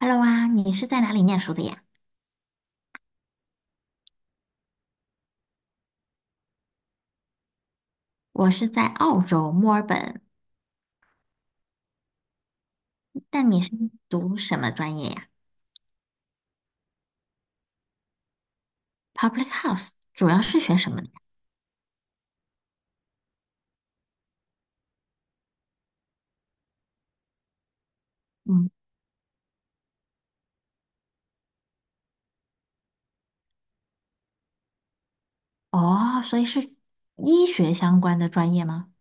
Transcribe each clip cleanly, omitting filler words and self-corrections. Hello 啊，你是在哪里念书的呀？我是在澳洲墨尔本，但你是读什么专业呀？Public Health 主要是学什么的呀？嗯。哦，所以是医学相关的专业吗？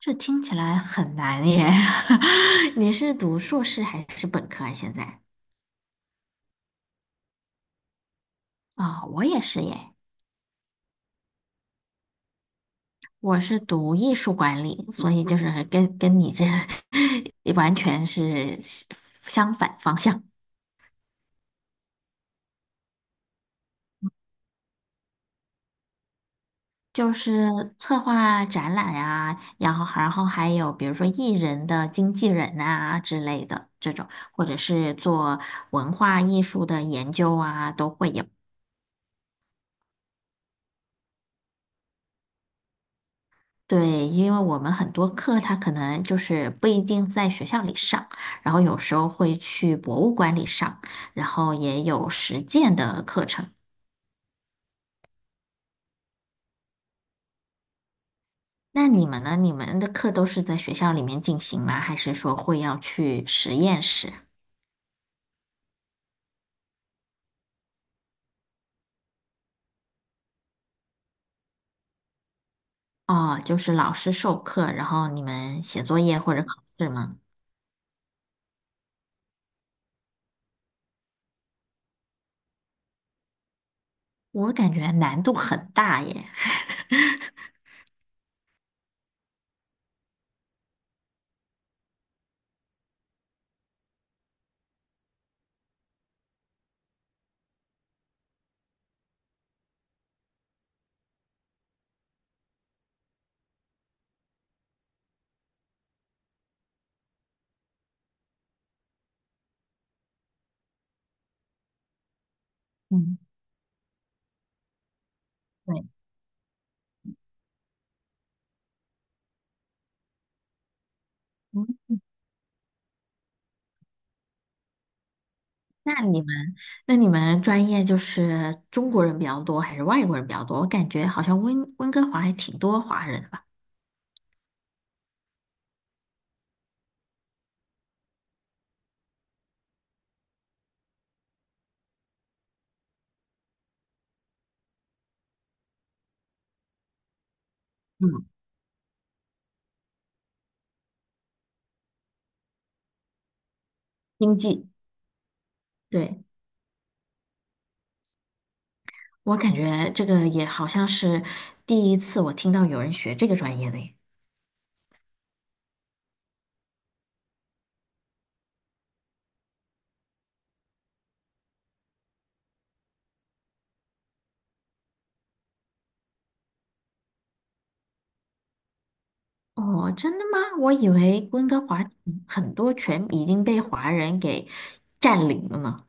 这听起来很难耶。你是读硕士还是本科啊？现在？啊、我也是耶，我是读艺术管理，所以就是跟你这 完全是相反方向。就是策划展览啊，然后还有比如说艺人的经纪人啊之类的这种，或者是做文化艺术的研究啊，都会有。对，因为我们很多课它可能就是不一定在学校里上，然后有时候会去博物馆里上，然后也有实践的课程。那你们呢？你们的课都是在学校里面进行吗？还是说会要去实验室啊？哦，就是老师授课，然后你们写作业或者考试吗？我感觉难度很大耶。嗯，对，嗯，那你们那你们专业就是中国人比较多还是外国人比较多？我感觉好像温哥华还挺多华人的吧。嗯，经济，对，我感觉这个也好像是第一次我听到有人学这个专业的耶。哦，真的吗？我以为温哥华很多全已经被华人给占领了呢。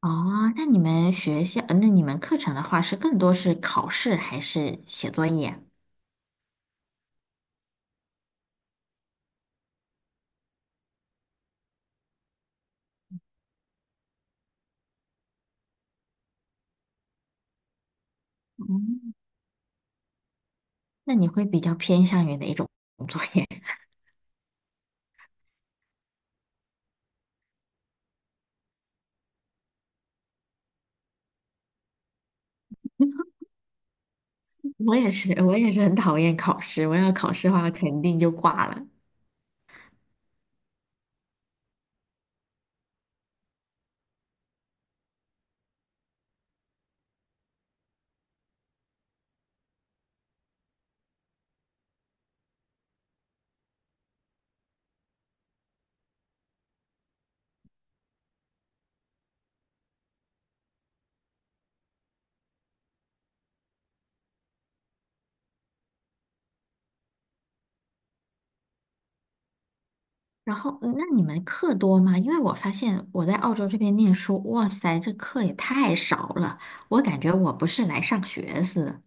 哦，那你们学校，那你们课程的话是更多是考试还是写作业？嗯，那你会比较偏向于哪一种作业？我也是，我也是很讨厌考试。我要考试的话，肯定就挂了。然后，那你们课多吗？因为我发现我在澳洲这边念书，哇塞，这课也太少了，我感觉我不是来上学似的。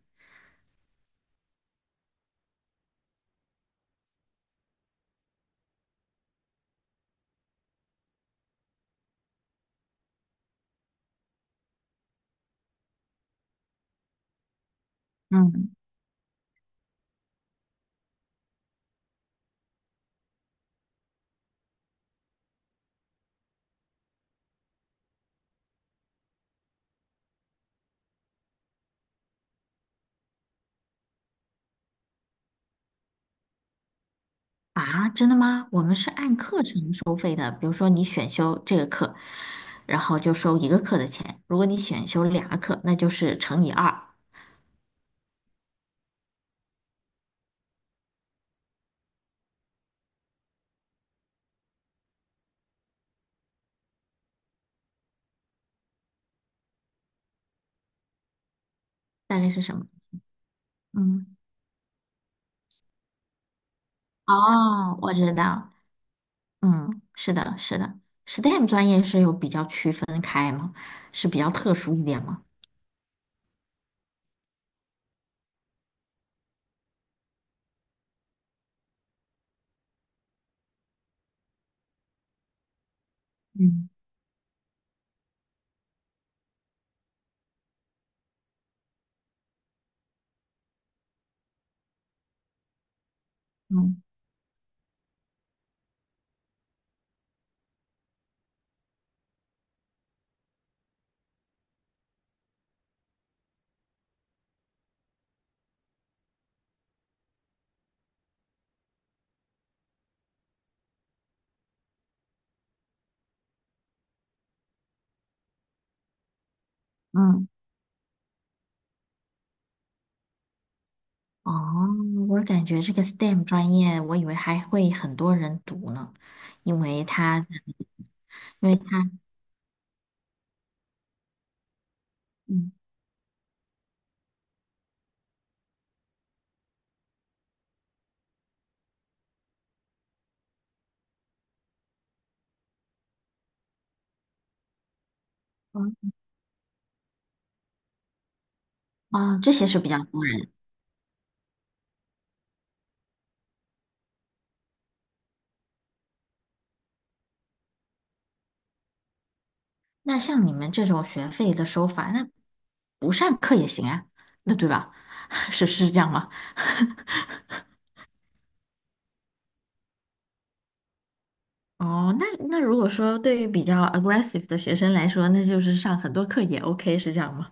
嗯。啊，真的吗？我们是按课程收费的，比如说你选修这个课，然后就收一个课的钱；如果你选修两个课，那就是乘以二，大概是什么？嗯，哦，我知道，嗯，是的，是的，STEM 专业是有比较区分开吗？是比较特殊一点吗？嗯嗯嗯，哦，我感觉这个 STEM 专业，我以为还会很多人读呢，因为它，因为它，嗯，啊，这些是比较多人。那像你们这种学费的收法，那不上课也行啊，那对吧？是是这样吗？哦，那那如果说对于比较 aggressive 的学生来说，那就是上很多课也 OK，是这样吗？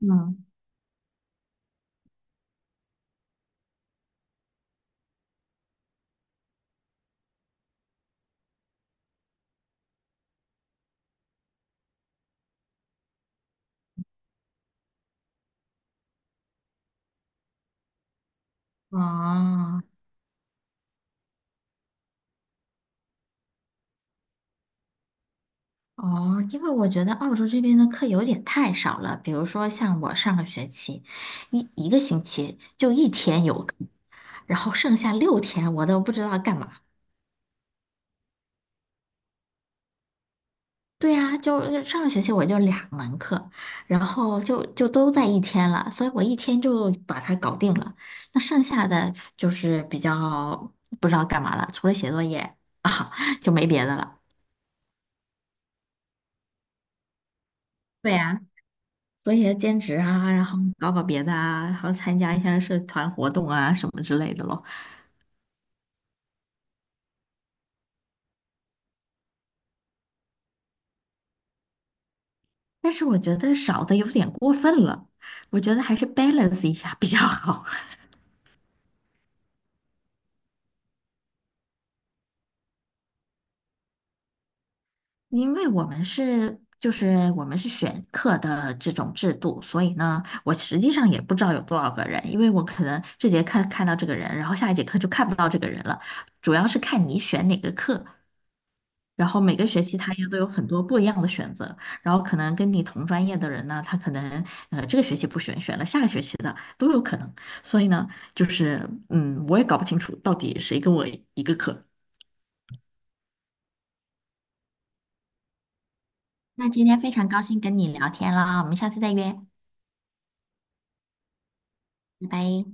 嗯，哦哦，因为我觉得澳洲这边的课有点太少了，比如说像我上个学期一个星期就一天有课，然后剩下六天我都不知道干嘛。对呀，就上个学期我就两门课，然后就都在一天了，所以我一天就把它搞定了。那剩下的就是比较不知道干嘛了，除了写作业啊，就没别的了。对呀，所以兼职啊，然后搞搞别的啊，然后参加一下社团活动啊什么之类的咯。但是我觉得少的有点过分了，我觉得还是 balance 一下比较好。因为我们是就是我们是选课的这种制度，所以呢，我实际上也不知道有多少个人，因为我可能这节课看到这个人，然后下一节课就看不到这个人了，主要是看你选哪个课，然后每个学期他也都有很多不一样的选择，然后可能跟你同专业的人呢，他可能这个学期不选，选了下个学期的都有可能，所以呢，就是嗯，我也搞不清楚到底谁跟我一个课。那今天非常高兴跟你聊天啊，我们下次再约，拜拜。